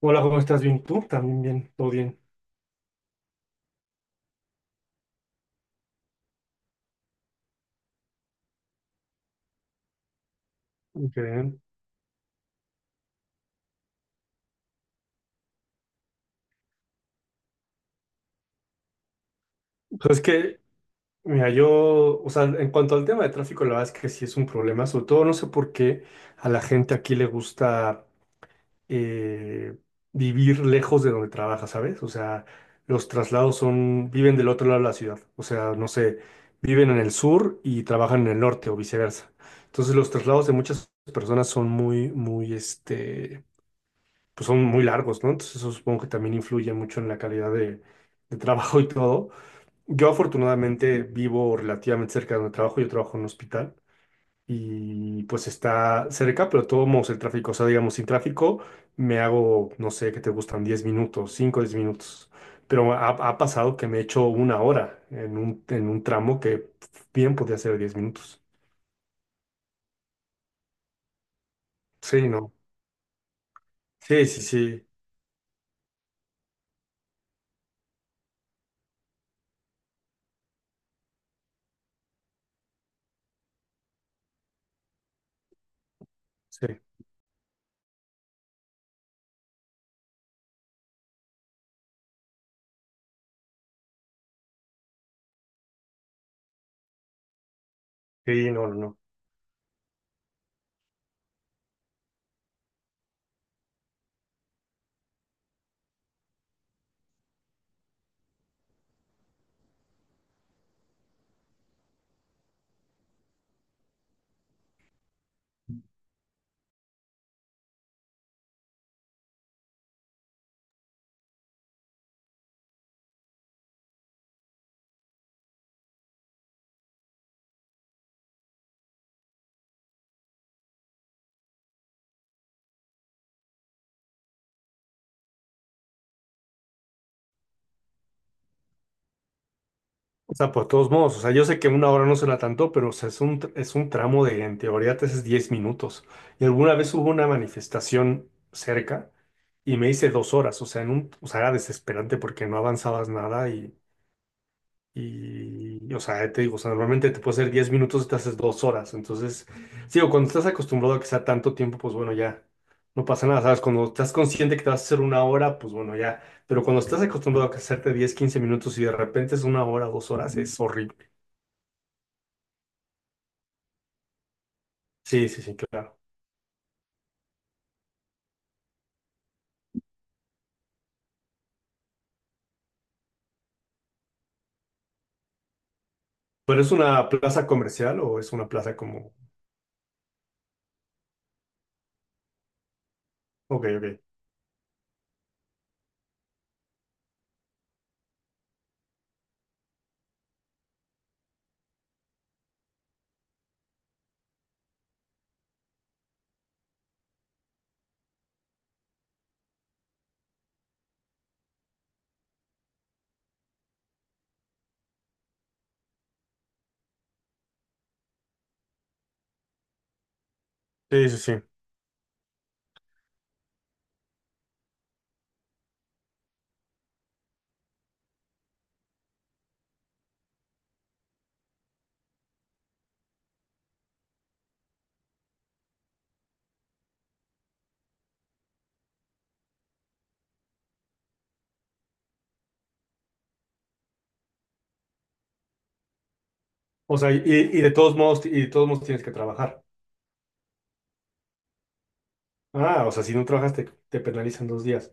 Hola, ¿cómo estás? Bien, tú también, bien, todo bien. Qué bien. Pues es que, mira, yo, o sea, en cuanto al tema de tráfico, la verdad es que sí es un problema, sobre todo no sé por qué a la gente aquí le gusta eh, vivir lejos de donde trabaja, ¿sabes? O sea, los traslados son, viven del otro lado de la ciudad, o sea, no sé, viven en el sur y trabajan en el norte o viceversa. Entonces, los traslados de muchas personas son muy, muy, pues son muy largos, ¿no? Entonces eso supongo que también influye mucho en la calidad de trabajo y todo. Yo afortunadamente vivo relativamente cerca de donde trabajo, yo trabajo en un hospital y pues está cerca, pero tomamos el tráfico, o sea, digamos, sin tráfico me hago, no sé, ¿qué te gustan? 10 minutos, 5 10 minutos. Pero ha pasado que me he hecho una hora en un tramo que bien podía ser 10 minutos. Sí, no. Sí, sí, sí. Sí, sí, no, no. No. O sea, por todos modos, o sea, yo sé que una hora no será tanto, pero o sea, es un tramo de, en teoría, te haces 10 minutos. Y alguna vez hubo una manifestación cerca y me hice 2 horas, o sea, o sea, era desesperante porque no avanzabas nada o sea, te digo, o sea, normalmente te puede hacer 10 minutos y te haces 2 horas. Entonces, sí, o cuando estás acostumbrado a que sea tanto tiempo, pues bueno, ya no pasa nada, ¿sabes? Cuando estás consciente que te vas a hacer una hora, pues bueno, ya. Pero cuando estás acostumbrado a que hacerte 10 15 minutos y de repente es una hora, 2 horas, es horrible. Sí, sí, sí, claro. ¿Pero es una plaza comercial o es una plaza como? Ok, ok. Sí, sí, sí. O sea, y de todos modos tienes que trabajar. Ah, o sea, si no trabajas te penalizan 2 días.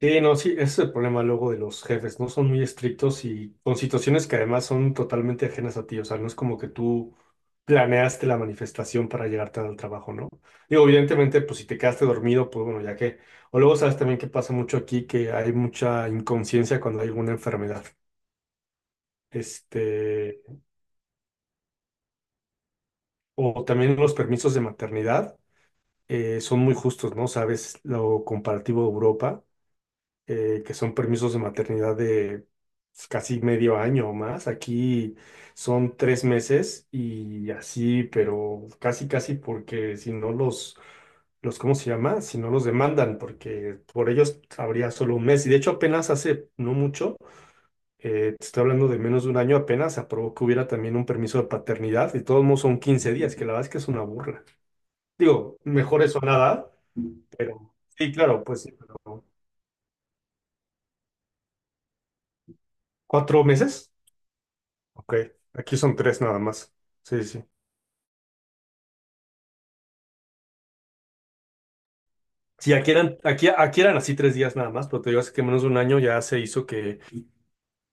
Sí, no, sí, ese es el problema luego de los jefes, ¿no? Son muy estrictos y con situaciones que además son totalmente ajenas a ti. O sea, no es como que tú planeaste la manifestación para llegar tarde al trabajo, ¿no? Digo, evidentemente, pues si te quedaste dormido, pues bueno, ya que. O luego sabes también que pasa mucho aquí, que hay mucha inconsciencia cuando hay alguna enfermedad. este, o también los permisos de maternidad son muy justos, ¿no? Sabes, lo comparativo a Europa, que son permisos de maternidad de pues, casi medio año o más. Aquí son 3 meses y así, pero casi, casi porque si no los, ¿cómo se llama? Si no los demandan, porque por ellos habría solo un mes. Y de hecho apenas hace no mucho te estoy hablando de menos de un año apenas, aprobó que hubiera también un permiso de paternidad, y todos modos son 15 días, que la verdad es que es una burla. Digo, mejor eso a nada, pero sí, claro, pues sí, pero ¿4 meses? Ok, aquí son tres nada más. Sí, sí. Sí, aquí eran así 3 días nada más, pero te digo, hace que menos de un año ya se hizo que,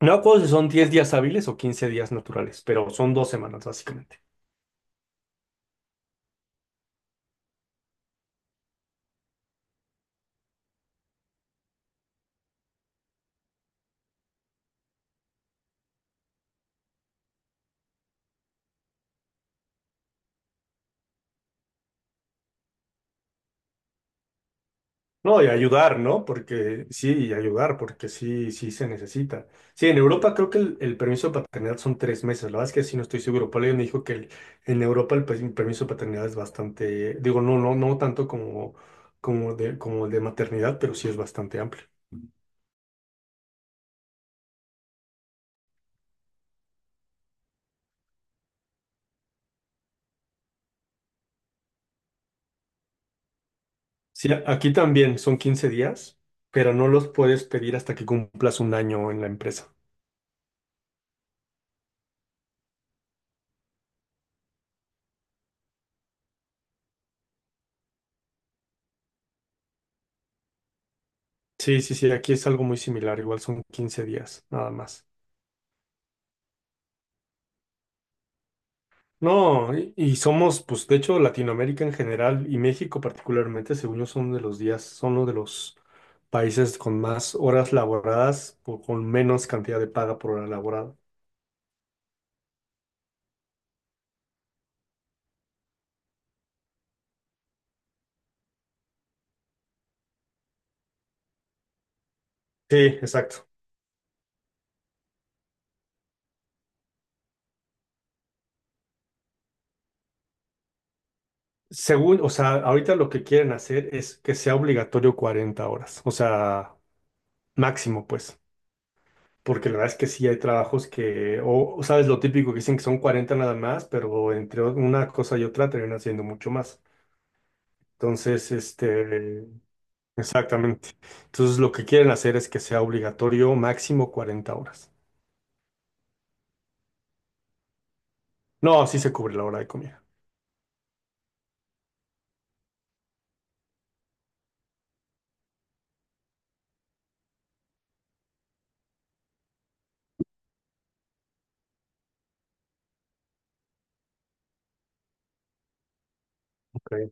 no me acuerdo si son 10 días hábiles o 15 días naturales, pero son 2 semanas básicamente. No, y ayudar, ¿no? Porque sí, y ayudar, porque sí, sí se necesita. Sí, en Europa creo que el permiso de paternidad son 3 meses. La verdad es que sí no estoy seguro. Por ahí me dijo que en Europa permiso de paternidad es bastante, digo, no, no, no tanto como el de maternidad, pero sí es bastante amplio. Sí, aquí también son 15 días, pero no los puedes pedir hasta que cumplas un año en la empresa. Sí, sí, sí, aquí es algo muy similar, igual son 15 días, nada más. No, y somos, pues de hecho, Latinoamérica en general y México particularmente, según yo, son uno de los países con más horas laboradas o con menos cantidad de paga por hora laborada. Sí, exacto. Según, o sea, ahorita lo que quieren hacer es que sea obligatorio 40 horas, o sea, máximo, pues, porque la verdad es que sí hay trabajos que, o sabes lo típico que dicen que son 40 nada más, pero entre una cosa y otra terminan siendo mucho más. Entonces, exactamente. Entonces lo que quieren hacer es que sea obligatorio máximo 40 horas. No, sí se cubre la hora de comida. Ok.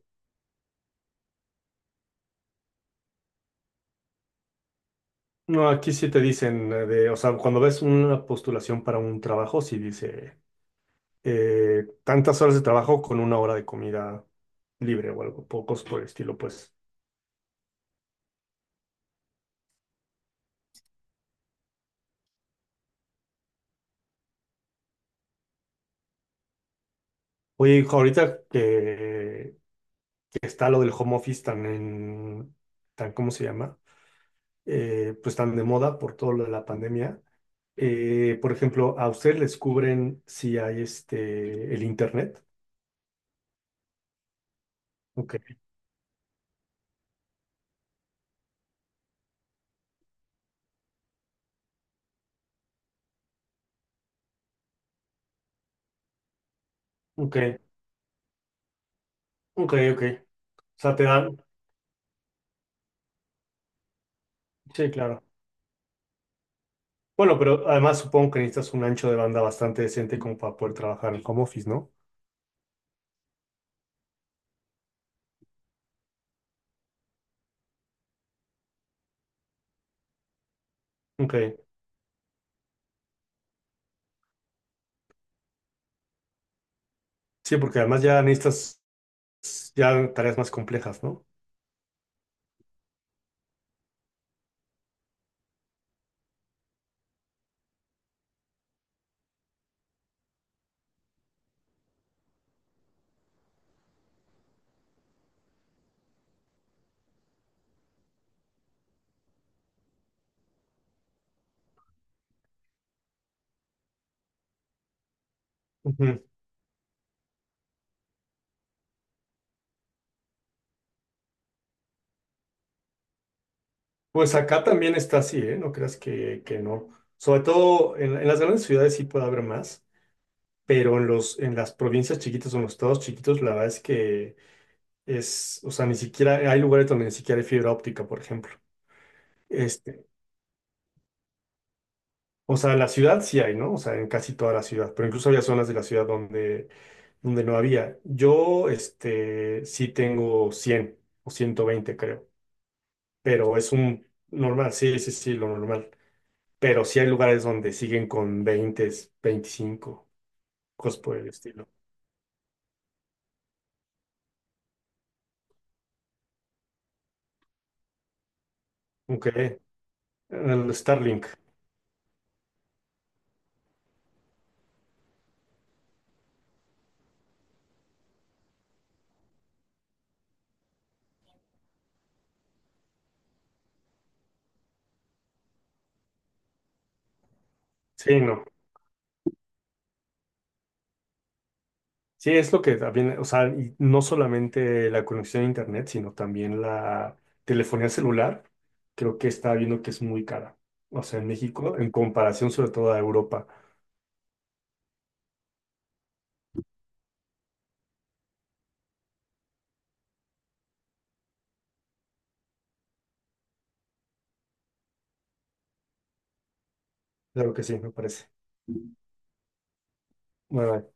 No, aquí sí te dicen o sea, cuando ves una postulación para un trabajo, sí dice tantas horas de trabajo con una hora de comida libre o algo, pocos por el estilo, pues. Oye, hijo, ahorita que está lo del home office tan en, tan, ¿cómo se llama? Pues tan de moda por todo lo de la pandemia. Por ejemplo, ¿a ustedes les cubren si hay el internet? Ok, ok, ok, ok. O sea, te dan. Sí, claro. Bueno, pero además supongo que necesitas un ancho de banda bastante decente como para poder trabajar en home office, ¿no? Ok. Sí, porque además ya necesitas ya tareas más complejas, ¿no? Ujú. Pues acá también está así, ¿eh? No creas que no. Sobre todo en las grandes ciudades sí puede haber más, pero en los, en las provincias chiquitas o en los estados chiquitos, la verdad es que o sea, ni siquiera hay lugares donde ni siquiera hay fibra óptica, por ejemplo. Este, o sea, en la ciudad sí hay, ¿no? O sea, en casi toda la ciudad, pero incluso había zonas de la ciudad donde no había. Yo, sí tengo 100 o 120 creo, pero es un normal, sí, sí, sí, lo normal. Pero sí hay lugares donde siguen con 20, 25 cosas por el estilo. Aunque, el Starlink, sí, no. Sí, es lo que también, o sea, y no solamente la conexión a internet, sino también la telefonía celular, creo que está viendo que es muy cara. O sea, en México, en comparación sobre todo a Europa. Claro que sí, me parece. Bueno,